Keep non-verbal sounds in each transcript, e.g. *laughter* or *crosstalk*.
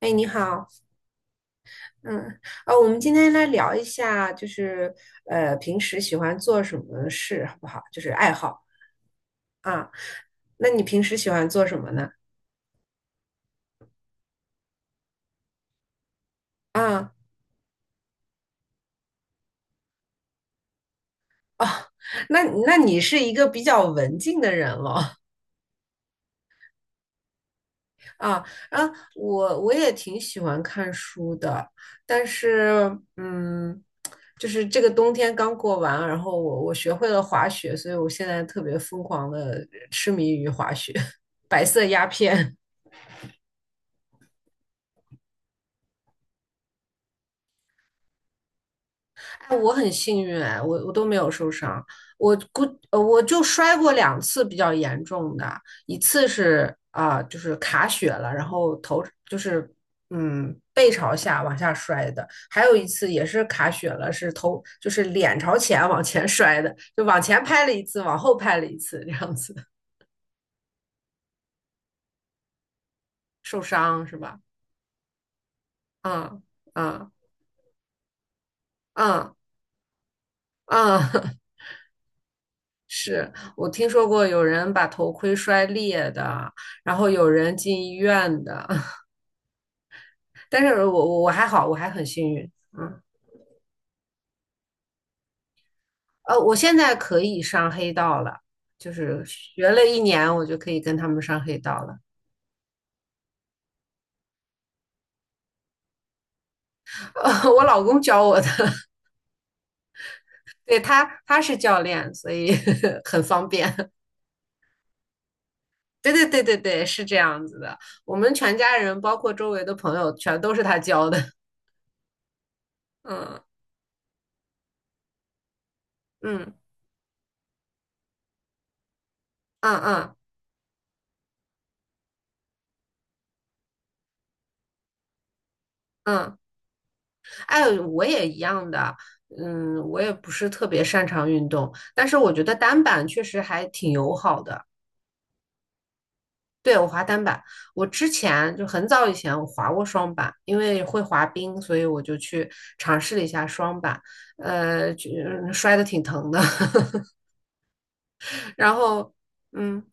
哎，你好。嗯，我们今天来聊一下，就是平时喜欢做什么事，好不好？就是爱好啊。那你平时喜欢做什么呢？啊，哦，那你是一个比较文静的人了。 *laughs* 啊啊，我也挺喜欢看书的，但是就是这个冬天刚过完，然后我学会了滑雪，所以我现在特别疯狂的痴迷于滑雪。*laughs* 白色鸦片。哎，我很幸运哎，我都没有受伤。我估我就摔过两次比较严重的。一次是就是卡血了，然后头就是背朝下往下摔的。还有一次也是卡血了，是头就是脸朝前往前摔的，就往前拍了一次，往后拍了一次，这样子。受伤是吧？嗯。嗯嗯嗯，是我听说过有人把头盔摔裂的，然后有人进医院的。*laughs* 但是我还好，我还很幸运。嗯，我现在可以上黑道了，就是学了一年，我就可以跟他们上黑道了。*laughs* 我老公教我的。*laughs* 对，他是教练，所以 *laughs* 很方便。*laughs* 对，是这样子的。我们全家人包括周围的朋友全都是他教的。*laughs* 嗯。嗯嗯嗯嗯。哎，我也一样的。嗯，我也不是特别擅长运动，但是我觉得单板确实还挺友好的。对，我滑单板。我之前就很早以前我滑过双板，因为会滑冰，所以我就去尝试了一下双板。摔得挺疼的。*laughs* 然后，嗯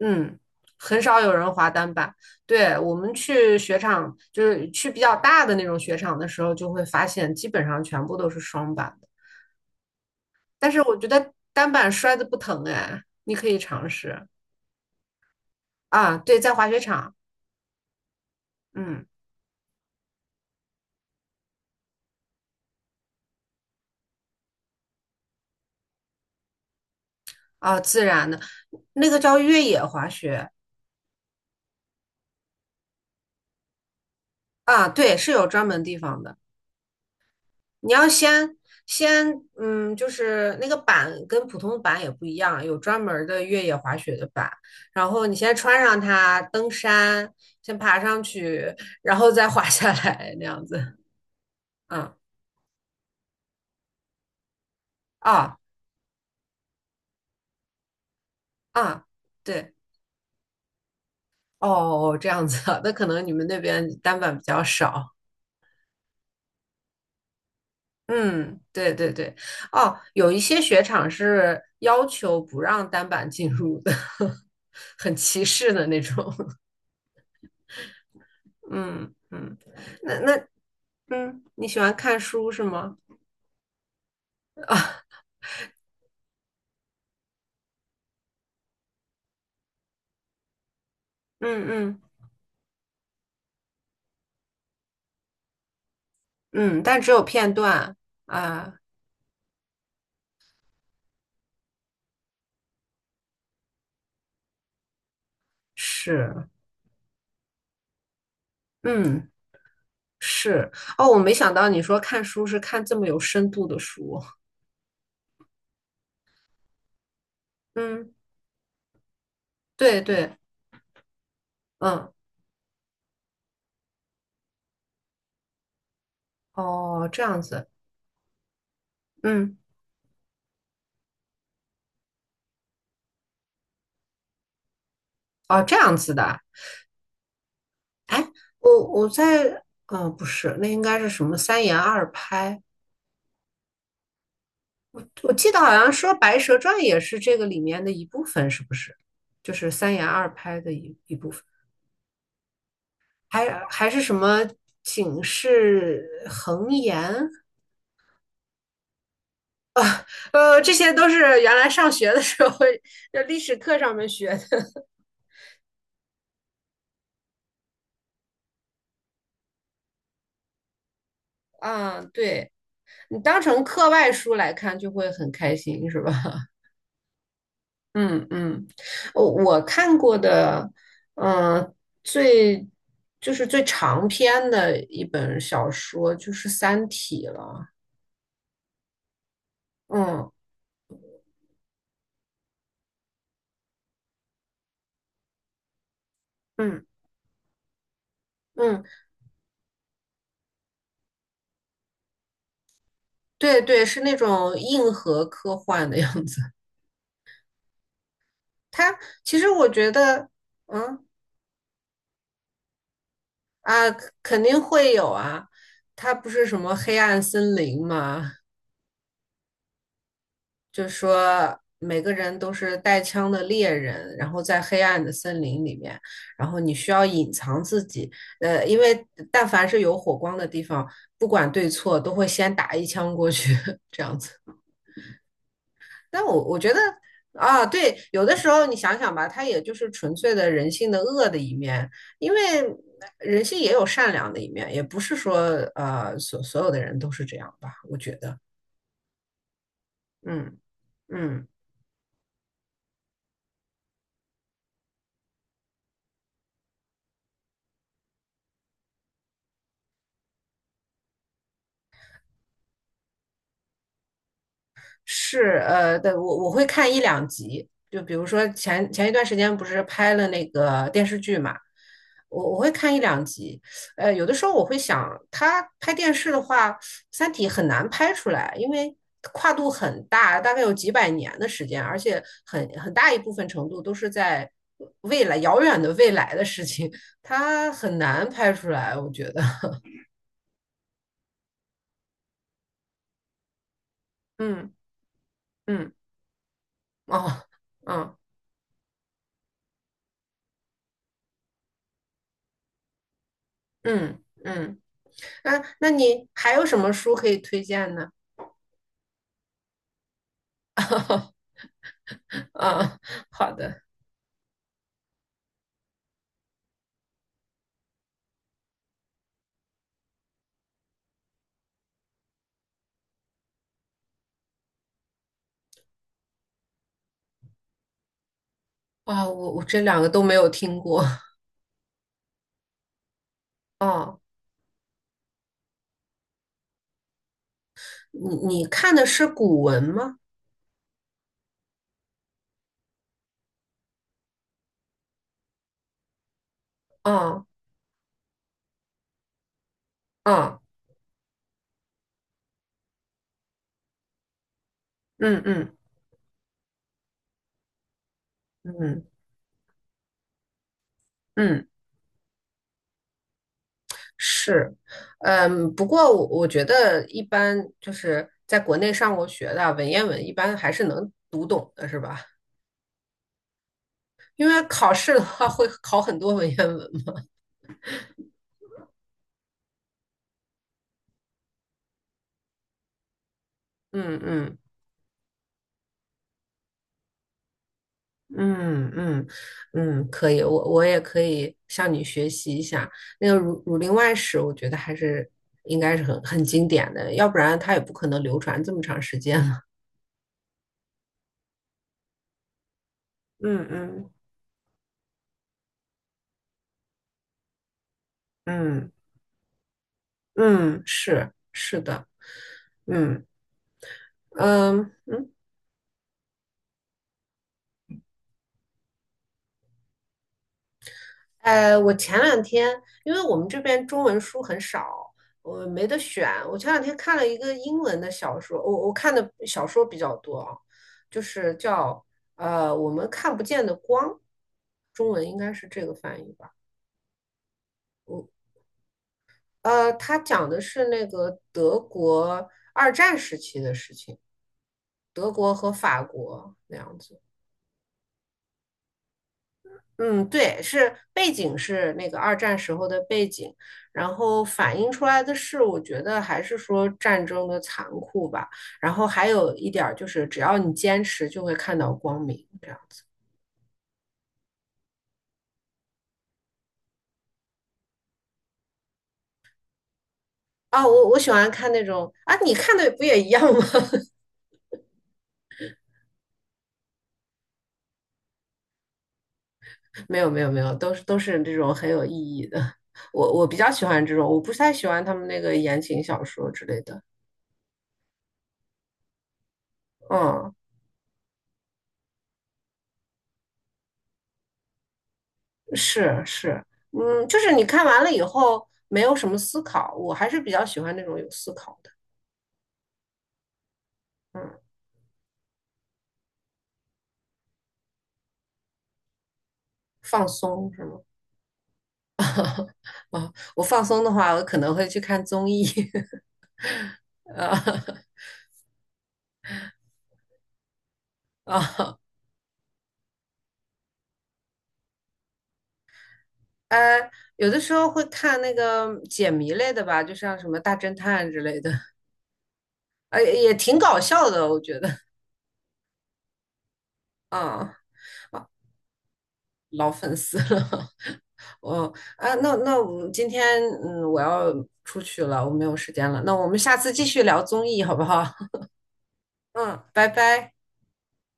嗯。很少有人滑单板。对，我们去雪场，就是去比较大的那种雪场的时候，就会发现基本上全部都是双板。但是我觉得单板摔的不疼哎，你可以尝试啊。对，在滑雪场。嗯，啊，自然的，那个叫越野滑雪。啊，对，是有专门地方的。你要先就是那个板跟普通的板也不一样，有专门儿的越野滑雪的板。然后你先穿上它登山，先爬上去，然后再滑下来，那样子。嗯，啊，啊，对。哦，这样子啊，那可能你们那边单板比较少。嗯，对对对。哦，有一些雪场是要求不让单板进入的。*laughs* 很歧视的那种。*laughs* 嗯，嗯，那你喜欢看书是吗？嗯嗯嗯，但只有片段。啊，是。嗯，是。哦，我没想到你说看书是看这么有深度的书。嗯，对对。嗯，哦，这样子。嗯。哦，这样子的。哎，我在，不是，那应该是什么三言二拍？我记得好像说《白蛇传》也是这个里面的一部分，是不是？就是三言二拍的一部分。还是什么警示横言？这些都是原来上学的时候，就历史课上面学的。*laughs* 啊，对，你当成课外书来看就会很开心，是吧？嗯，嗯，我看过的，嗯、最就是最长篇的一本小说就是《三体》了。嗯嗯嗯，对对，是那种硬核科幻的样子。它其实我觉得，嗯啊，肯定会有啊。它不是什么黑暗森林吗？就说每个人都是带枪的猎人，然后在黑暗的森林里面，然后你需要隐藏自己。因为但凡是有火光的地方，不管对错，都会先打一枪过去。*laughs* 这样子。但我觉得啊，对，有的时候你想想吧，它也就是纯粹的人性的恶的一面。因为人性也有善良的一面，也不是说所有的人都是这样吧，我觉得。嗯。嗯。是，对，我会看一两集，就比如说前一段时间不是拍了那个电视剧嘛，我会看一两集。有的时候我会想，他拍电视的话，《三体》很难拍出来，因为跨度很大，大概有几百年的时间，而且很大一部分程度都是在未来遥远的未来的事情，它很难拍出来，我觉得。*laughs* 嗯，嗯，哦，嗯嗯嗯。啊，那你还有什么书可以推荐呢？*laughs* 啊，好的。啊，我我这两个都没有听过。哦，你你看的是古文吗？啊，啊，嗯嗯嗯嗯，是。嗯，不过我觉得一般就是在国内上过学的文言文，一般还是能读懂的，是吧？因为考试的话会考很多文言文嘛。嗯嗯。嗯嗯。嗯，可以，我也可以向你学习一下那个《儒林外史》，我觉得还是应该是很经典的，要不然它也不可能流传这么长时间了。嗯，嗯嗯嗯，是是的，嗯嗯嗯。我前两天因为我们这边中文书很少，我没得选。我前两天看了一个英文的小说，我看的小说比较多啊，就是叫我们看不见的光，中文应该是这个翻译吧。我它讲的是那个德国二战时期的事情，德国和法国那样子。嗯，对，是背景是那个二战时候的背景，然后反映出来的是，我觉得还是说战争的残酷吧。然后还有一点儿就是，只要你坚持，就会看到光明。这样啊，我我喜欢看那种啊，你看的不也一样吗？*laughs* 没有没有没有，都是这种很有意义的。*laughs* 我比较喜欢这种，我不太喜欢他们那个言情小说之类的。嗯。是是，嗯，就是你看完了以后没有什么思考，我还是比较喜欢那种有思考的。嗯，放松是吗？我放松的话，我可能会去看综艺。*laughs* 啊。啊，呃，有的时候会看那个解谜类的吧，就像什么大侦探之类的。也挺搞笑的，我觉得。啊啊，老粉丝了。*laughs* 我啊，那我们今天我要出去了，我没有时间了，那我们下次继续聊综艺好不好？嗯，拜拜。